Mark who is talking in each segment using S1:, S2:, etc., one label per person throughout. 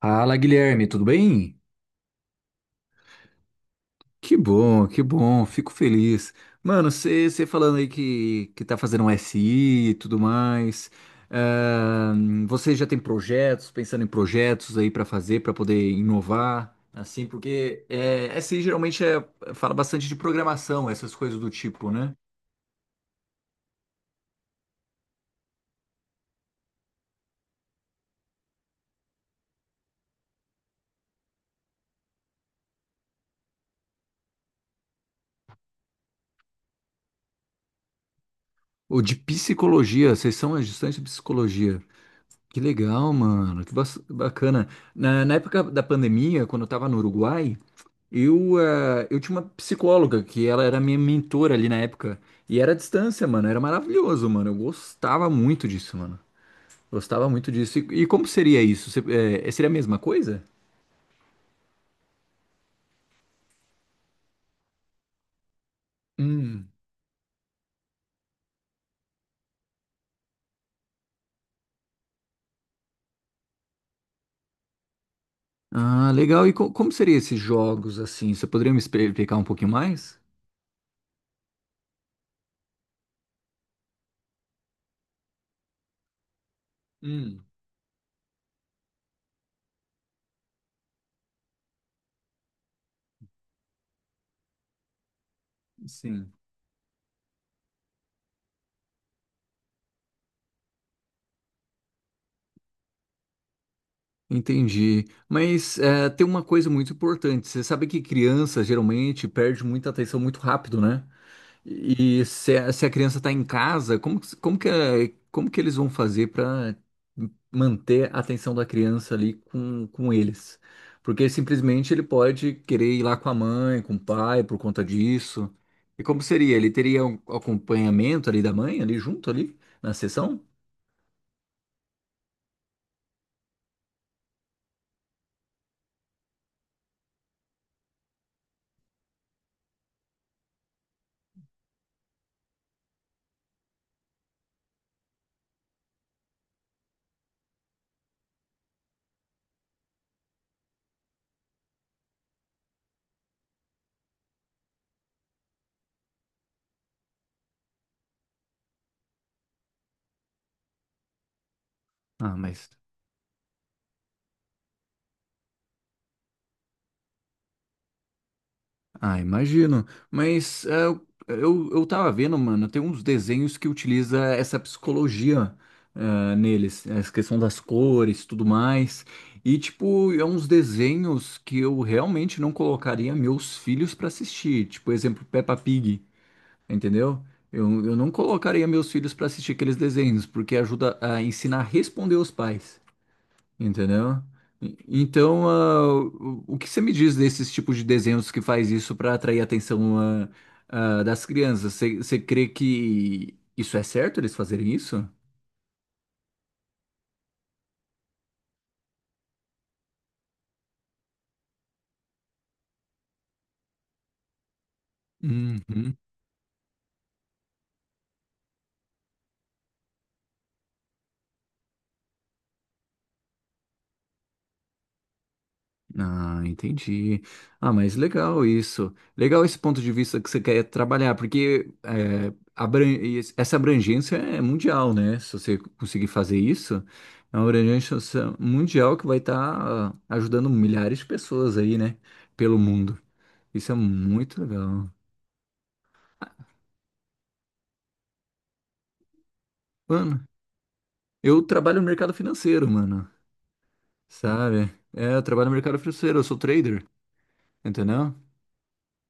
S1: Fala, Guilherme, tudo bem? Que bom, fico feliz. Mano, você falando aí que tá fazendo um SI e tudo mais, você já tem projetos, pensando em projetos aí pra fazer, pra poder inovar, assim, porque é, SI geralmente fala bastante de programação, essas coisas do tipo, né? Ou de psicologia, vocês são estudantes de psicologia. Que legal, mano, que bacana. Na época da pandemia, quando eu tava no Uruguai, eu tinha uma psicóloga que ela era minha mentora ali na época. E era à distância, mano. Era maravilhoso, mano. Eu gostava muito disso, mano. Gostava muito disso. E como seria isso? Seria a mesma coisa? Hum. Ah, legal. E como seriam esses jogos assim? Você poderia me explicar um pouquinho mais? Hum, sim. Entendi. Mas tem uma coisa muito importante. Você sabe que criança geralmente perde muita atenção muito rápido, né? E se a criança está em casa, como que eles vão fazer para manter a atenção da criança ali com eles? Porque simplesmente ele pode querer ir lá com a mãe, com o pai, por conta disso. E como seria? Ele teria um acompanhamento ali da mãe, ali junto, ali, na sessão? Ah, mas Ah, imagino. Mas eu tava vendo, mano, tem uns desenhos que utiliza essa psicologia neles, essa questão das cores, tudo mais. E, tipo, é uns desenhos que eu realmente não colocaria meus filhos pra assistir. Tipo, exemplo, Peppa Pig, entendeu? Eu não colocaria meus filhos pra assistir aqueles desenhos, porque ajuda a ensinar a responder aos pais. Entendeu? Então, o que você me diz desses tipos de desenhos que faz isso para atrair a atenção das crianças? Você crê que isso é certo eles fazerem isso? Uhum. Ah, entendi. Ah, mas legal isso. Legal esse ponto de vista que você quer trabalhar, porque é, essa abrangência é mundial, né? Se você conseguir fazer isso, é uma abrangência mundial que vai estar ajudando milhares de pessoas aí, né? Pelo mundo. Isso é muito legal. Mano, eu trabalho no mercado financeiro, mano. Sabe? É, eu trabalho no mercado financeiro, eu sou trader, entendeu?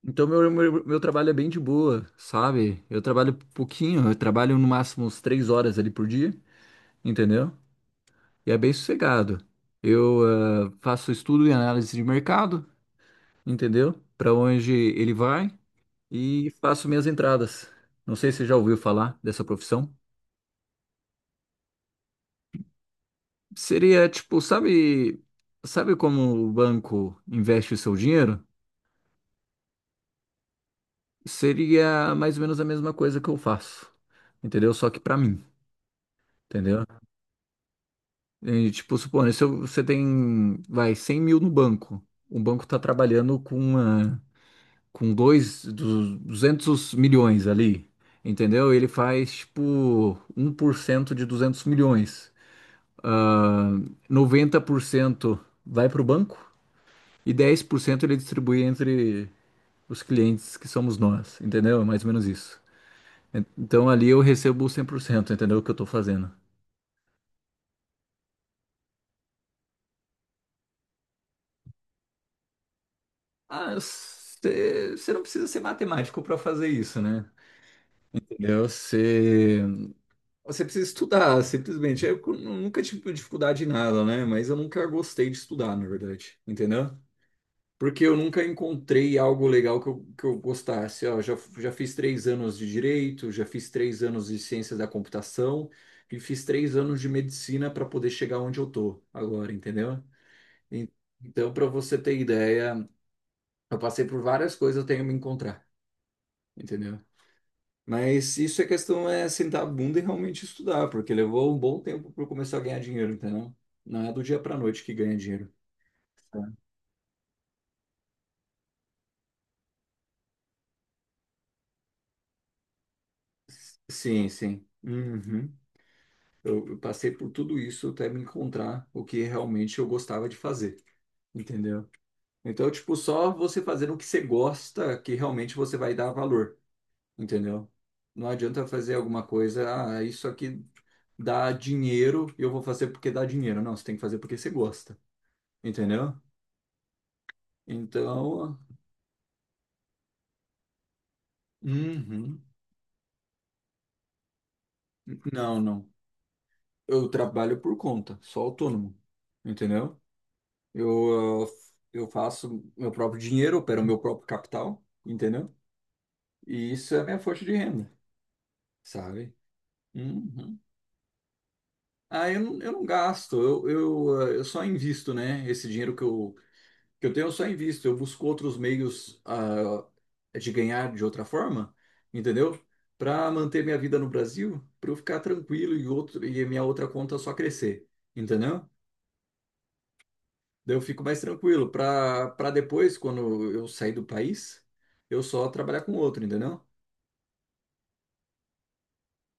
S1: Então meu trabalho é bem de boa, sabe? Eu trabalho pouquinho, eu trabalho no máximo uns 3 horas ali por dia, entendeu? E é bem sossegado. Eu faço estudo e análise de mercado, entendeu? Para onde ele vai e faço minhas entradas. Não sei se você já ouviu falar dessa profissão. Seria tipo, sabe, sabe como o banco investe o seu dinheiro? Seria mais ou menos a mesma coisa que eu faço, entendeu? Só que pra mim, entendeu? E, tipo, supondo, se eu- você tem, vai, 100 mil no banco, o banco tá trabalhando com uma, com dois, du- 200 milhões ali, entendeu? Ele faz, tipo, 1% de 200 milhões. Ah, 90% vai pro banco e 10% ele distribui entre os clientes que somos nós, entendeu? É mais ou menos isso. Então ali eu recebo 100%, entendeu? O que eu tô fazendo. Ah, você não precisa ser matemático para fazer isso, né? Entendeu? Você precisa estudar, simplesmente. Eu nunca tive dificuldade em nada, né? Mas eu nunca gostei de estudar, na verdade, entendeu? Porque eu nunca encontrei algo legal que eu gostasse. Ó, já fiz 3 anos de direito, já fiz três anos de ciência da computação e fiz 3 anos de medicina para poder chegar onde eu tô agora, entendeu? En- Então, para você ter ideia, eu passei por várias coisas até eu me encontrar, entendeu? Mas isso é questão é sentar a bunda e realmente estudar, porque levou um bom tempo para eu começar a ganhar dinheiro, entendeu? Não é do dia para noite que ganha dinheiro. Tá. Sim, sim. Uhum. Eu passei por tudo isso até me encontrar o que realmente eu gostava de fazer, entendeu? Então, tipo, só você fazendo o que você gosta que realmente você vai dar valor, entendeu? Não adianta fazer alguma coisa, ah, isso aqui dá dinheiro e eu vou fazer porque dá dinheiro. Não, você tem que fazer porque você gosta, entendeu? Então. Uhum. Não, não. Eu trabalho por conta, sou autônomo, entendeu? Eu, eu faço meu próprio dinheiro, opero meu próprio capital, entendeu? E isso é a minha fonte de renda, sabe? Uhum. Ah, eu não gasto, eu só invisto, né? Esse dinheiro que eu tenho, eu só invisto. Eu busco outros meios, de ganhar de outra forma, entendeu? Para manter minha vida no Brasil, para eu ficar tranquilo e, outro, e a minha outra conta só crescer, entendeu? Daí eu fico mais tranquilo, para depois, quando eu sair do país, eu só trabalhar com outro, entendeu?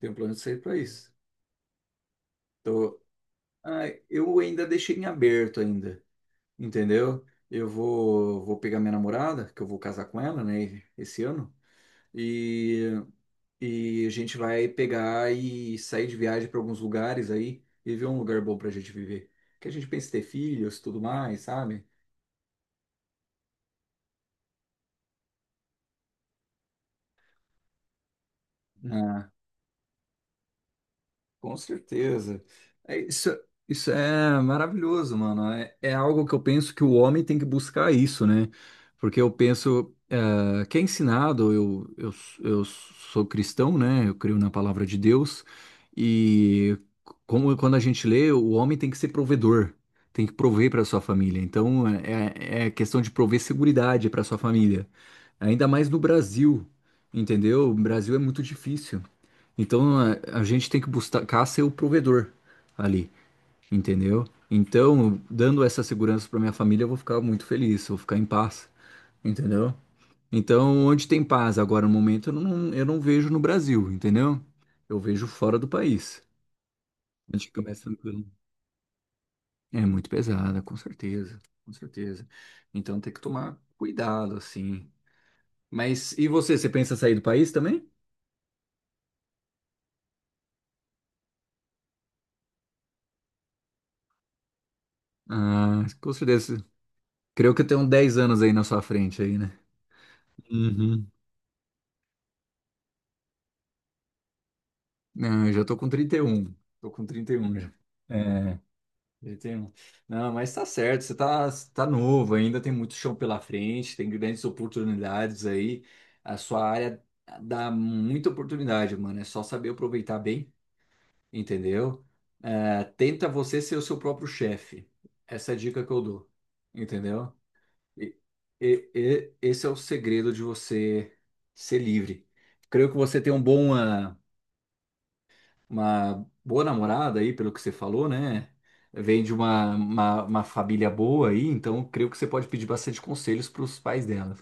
S1: Tenho um plano de sair do país. Então, ah, eu ainda deixei em aberto ainda, entendeu? Eu vou pegar minha namorada, que eu vou casar com ela, né, esse ano, e, e, a gente vai pegar e sair de viagem para alguns lugares aí e ver um lugar bom pra gente viver. Que a gente pensa em ter filhos, tudo mais, sabe? Com certeza. É isso, isso é maravilhoso, mano. É, é algo que eu penso que o homem tem que buscar isso, né? Porque eu penso, que é ensinado, eu sou cristão, né? Eu creio na palavra de Deus. E como quando a gente lê, o homem tem que ser provedor, tem que prover para sua família. Então, é questão de prover seguridade para sua família. Ainda mais no Brasil, entendeu? O Brasil é muito difícil. Então a gente tem que buscar ser o provedor ali, entendeu? Então, dando essa segurança para minha família, eu vou ficar muito feliz, eu vou ficar em paz, entendeu? Então, onde tem paz agora no momento, eu não vejo no Brasil, entendeu? Eu vejo fora do país. A gente fica mais tranquilo. É muito pesada, com certeza, com certeza. Então tem que tomar cuidado, assim. Mas e você, você pensa em sair do país também? Ah, com certeza. Creio que tem uns 10 anos aí na sua frente aí, né? Uhum. Não, eu já tô com 31. Tô com trinta e um já. É, 31. Não, mas tá certo, você tá, tá novo ainda, tem muito chão pela frente, tem grandes oportunidades aí. A sua área dá muita oportunidade, mano. É só saber aproveitar bem, entendeu? É, tenta você ser o seu próprio chefe. Essa é a dica que eu dou, entendeu? E, esse é o segredo de você ser livre. Creio que você tem um bom. Uma boa namorada aí, pelo que você falou, né? Vem de uma família boa aí, então creio que você pode pedir bastante conselhos para os pais dela,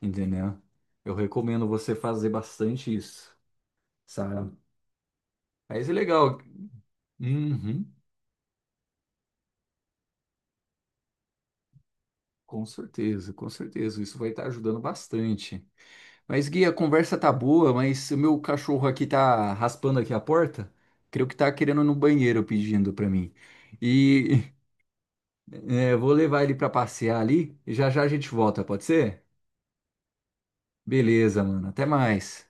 S1: entendeu? Eu recomendo você fazer bastante isso, sabe? Mas é legal. Uhum, com certeza, com certeza. Isso vai estar ajudando bastante. Mas, Gui, a conversa tá boa, mas o meu cachorro aqui tá raspando aqui a porta. Creio que tá querendo ir no banheiro pedindo para mim. E eu vou levar ele pra passear ali e já já a gente volta, pode ser? Beleza, mano. Até mais.